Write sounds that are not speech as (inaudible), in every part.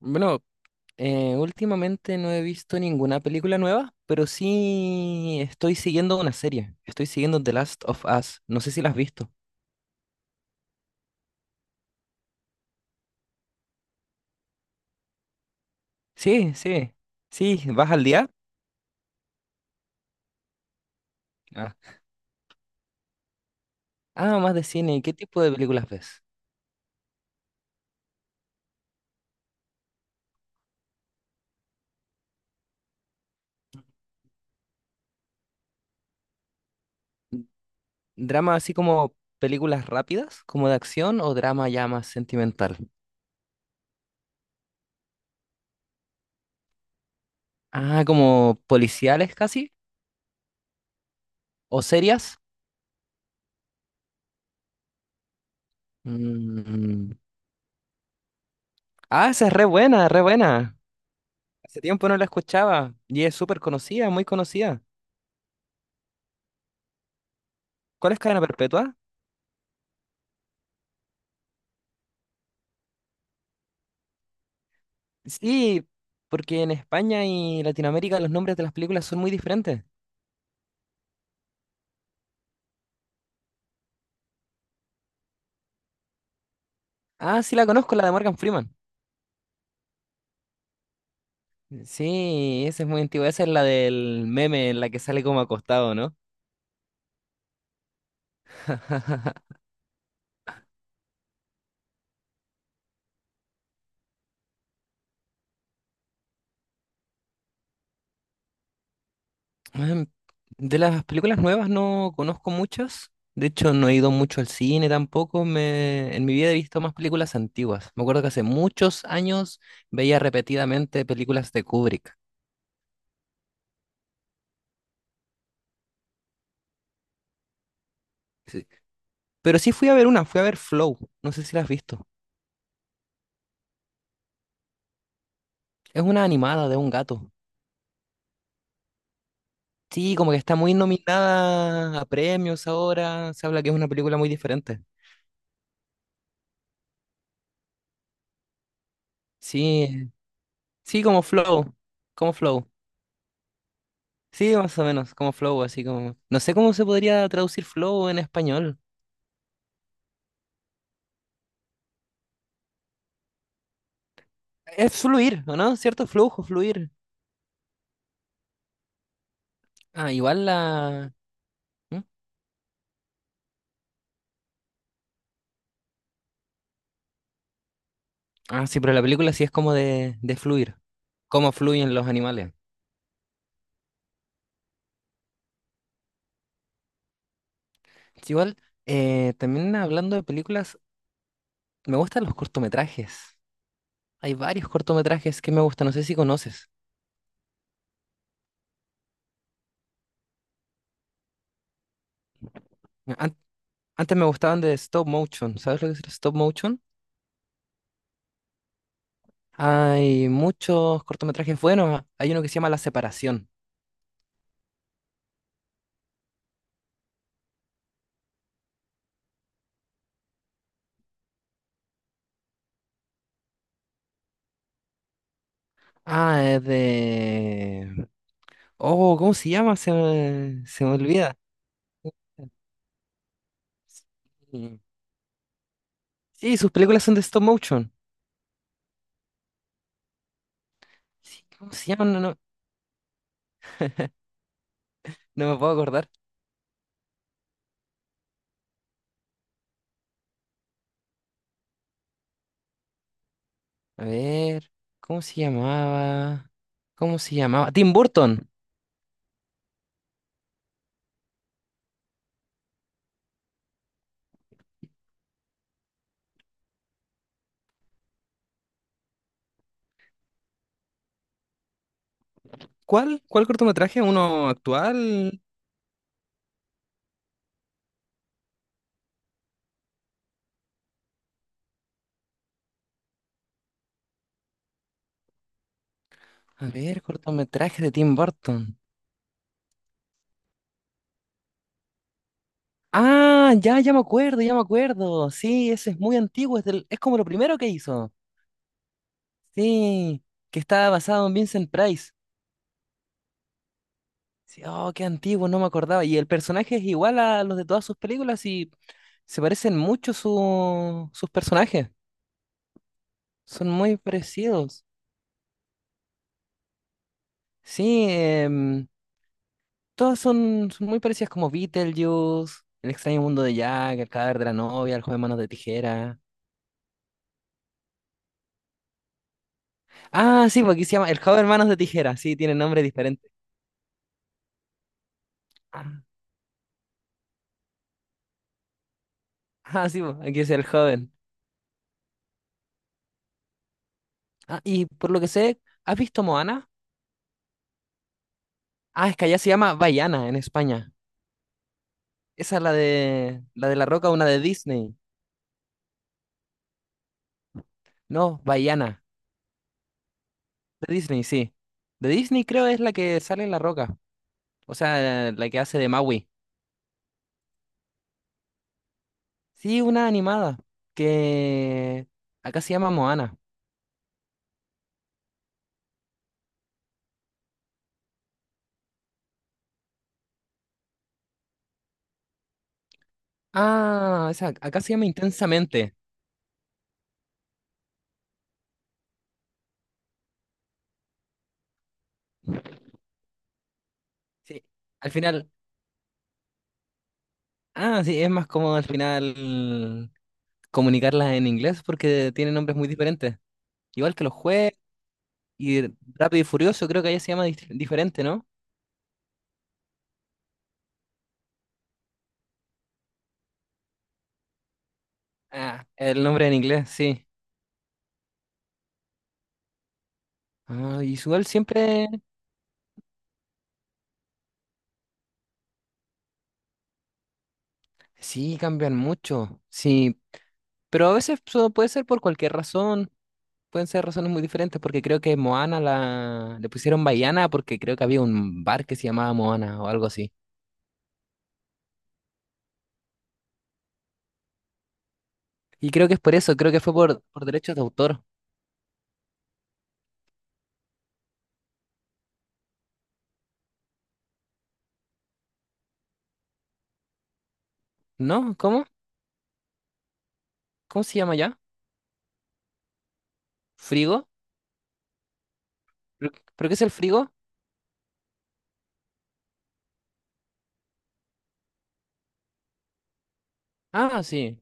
Bueno, últimamente no he visto ninguna película nueva, pero sí estoy siguiendo una serie. Estoy siguiendo The Last of Us. No sé si la has visto. Sí, sí. Sí, ¿vas al día? Ah, Ah, más de cine. ¿Qué tipo de películas ves? ¿Drama así como películas rápidas, como de acción, o drama ya más sentimental? Ah, como policiales casi, o serias. Mm. Ah, esa es re buena, re buena. Hace tiempo no la escuchaba y es súper conocida, muy conocida. ¿Cuál es cadena perpetua? Sí, porque en España y Latinoamérica los nombres de las películas son muy diferentes. Ah, sí, la conozco, la de Morgan Freeman. Sí, esa es muy antigua. Esa es la del meme en la que sale como acostado, ¿no? Em, De las películas nuevas no conozco muchas. De hecho, no he ido mucho al cine tampoco. Me... En mi vida he visto más películas antiguas. Me acuerdo que hace muchos años veía repetidamente películas de Kubrick. Sí. Pero sí fui a ver una, fui a ver Flow. No sé si la has visto. Es una animada de un gato. Sí, como que está muy nominada a premios ahora. Se habla que es una película muy diferente. Sí, sí, como Flow. Como Flow. Sí, más o menos, como Flow, así como. No sé cómo se podría traducir Flow en español. Es fluir, ¿o no? ¿Cierto? Flujo, fluir. Ah, igual la. ¿Mm? Ah, sí, pero la película sí es como de fluir. Cómo fluyen los animales. Sí, igual, también hablando de películas, me gustan los cortometrajes. Hay varios cortometrajes que me gustan, no sé si conoces. An- Antes me gustaban de stop motion. ¿Sabes lo que es el stop motion? Hay muchos cortometrajes buenos. Hay uno que se llama La Separación. Ah, es de... Oh, ¿cómo se llama? Se me olvida. Sí, Sí, sus películas son de stop motion. Sí, ¿cómo se llama? No, no, no me puedo acordar. A ver, ¿cómo se llamaba? ¿Cómo se llamaba? Tim Burton. ¿Cuál? ¿Cuál cortometraje? ¿Uno actual? A ver, cortometraje de Tim Burton. Ah, ya, ya me acuerdo, ya me acuerdo. Sí, ese es muy antiguo, es, es como lo primero que hizo. Sí, que estaba basado en Vincent Price. Sí, oh, qué antiguo, no me acordaba. Y el personaje es igual a los de todas sus películas y se parecen mucho sus personajes. Son muy parecidos. Sí, todas son, son muy parecidas como Beetlejuice, El extraño mundo de Jack, El cadáver de la novia, El joven manos de tijera. Ah, sí, porque aquí se llama El joven manos de tijera. Sí, tiene nombre diferente. Ah, sí, po, aquí es el joven. Ah, y por lo que sé, ¿has visto Moana? Ah, es que allá se llama Vaiana en España. Esa es la de la de La Roca, una de Disney. No, Vaiana. De Disney, sí. De Disney creo es la que sale en La Roca. O sea, la que hace de Maui. Sí, una animada. Que acá se llama Moana. Ah, esa, acá se llama Intensamente. Sí, al final. Ah, sí, es más cómodo al final comunicarlas en inglés porque tienen nombres muy diferentes. Igual que los jueves y Rápido y Furioso, creo que allá se llama diferente, ¿no? Ah, el nombre en inglés, sí. Ah, y igual siempre, sí, cambian mucho, sí, pero a veces puede ser por cualquier razón, pueden ser razones muy diferentes, porque creo que Moana la, le pusieron Baiana porque creo que había un bar que se llamaba Moana o algo así. Y creo que es por eso, creo que fue por derechos de autor, ¿no? ¿Cómo? ¿Cómo se llama ya? ¿Frigo? Pero qué es el frigo? Ah, sí.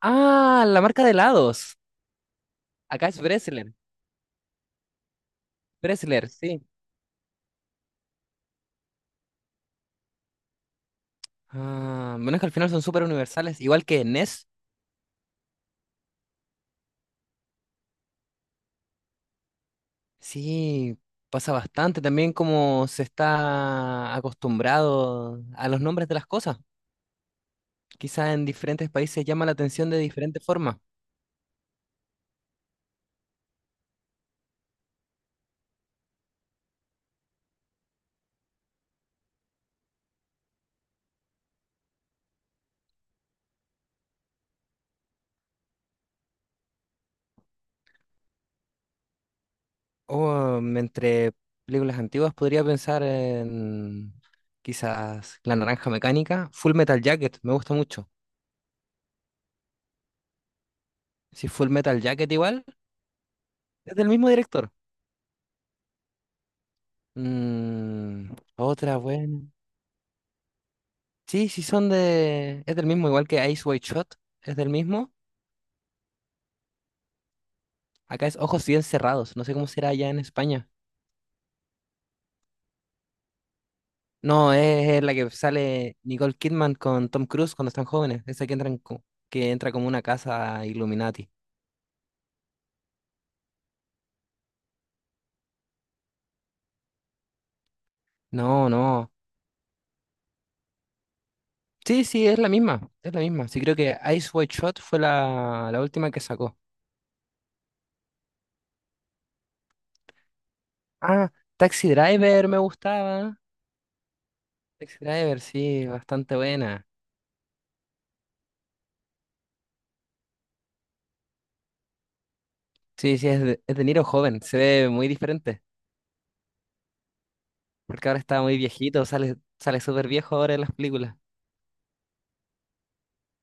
Ah, la marca de helados. Acá es Breslen. Dressler, sí. Ah, bueno, es que al final son súper universales, igual que NES. Sí, pasa bastante también como se está acostumbrado a los nombres de las cosas. Quizás en diferentes países llama la atención de diferente forma. O mm, entre películas antiguas podría pensar en quizás La Naranja Mecánica, Full Metal Jacket, me gusta mucho. Si Full Metal Jacket igual, es del mismo director. Mm, otra buena. Sí, sí son de... Es del mismo, igual que Ice White Shot, es del mismo. Acá es Ojos Bien Cerrados, no sé cómo será allá en España. No, es la que sale Nicole Kidman con Tom Cruise cuando están jóvenes, esa que entra, que entra como una casa Illuminati. No, no. Sí, sí, es la misma, es la misma. Sí, creo que Ice White Shot fue la, la última que sacó. Ah, Taxi Driver me gustaba. Taxi Driver, sí, bastante buena. Sí, sí, es de Niro joven, se ve muy diferente. Porque ahora está muy viejito, sale, sale súper viejo ahora en las películas.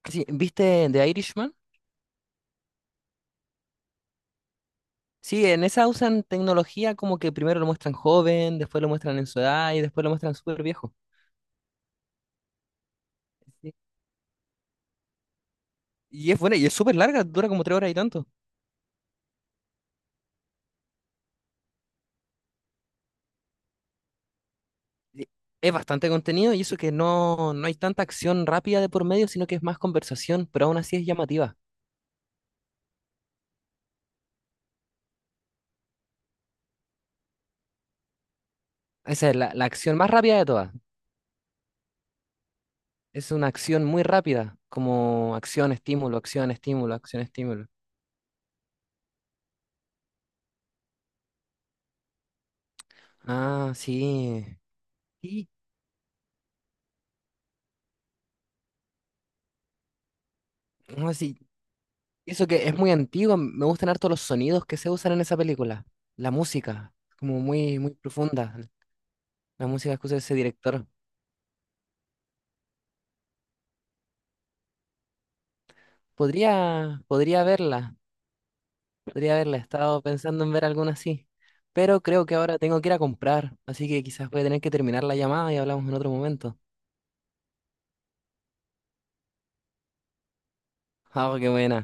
Sí, ¿viste The Irishman? Sí, en esa usan tecnología como que primero lo muestran joven, después lo muestran en su edad y después lo muestran súper viejo. Sí. Y es buena, y es súper larga, dura como tres horas y tanto. Y es bastante contenido y eso que no, no hay tanta acción rápida de por medio, sino que es más conversación, pero aún así es llamativa. Esa es la, la acción más rápida de todas. Es una acción muy rápida, como acción, estímulo, acción, estímulo, acción, estímulo. Ah, sí. Sí, no, sí, eso que es muy antiguo, me gustan harto los sonidos que se usan en esa película, la música, como muy, muy profunda, la música que usa ese director. Podría, podría verla, he estado pensando en ver alguna así, pero creo que ahora tengo que ir a comprar, así que quizás voy a tener que terminar la llamada y hablamos en otro momento. (laughs) Ah, qué buena.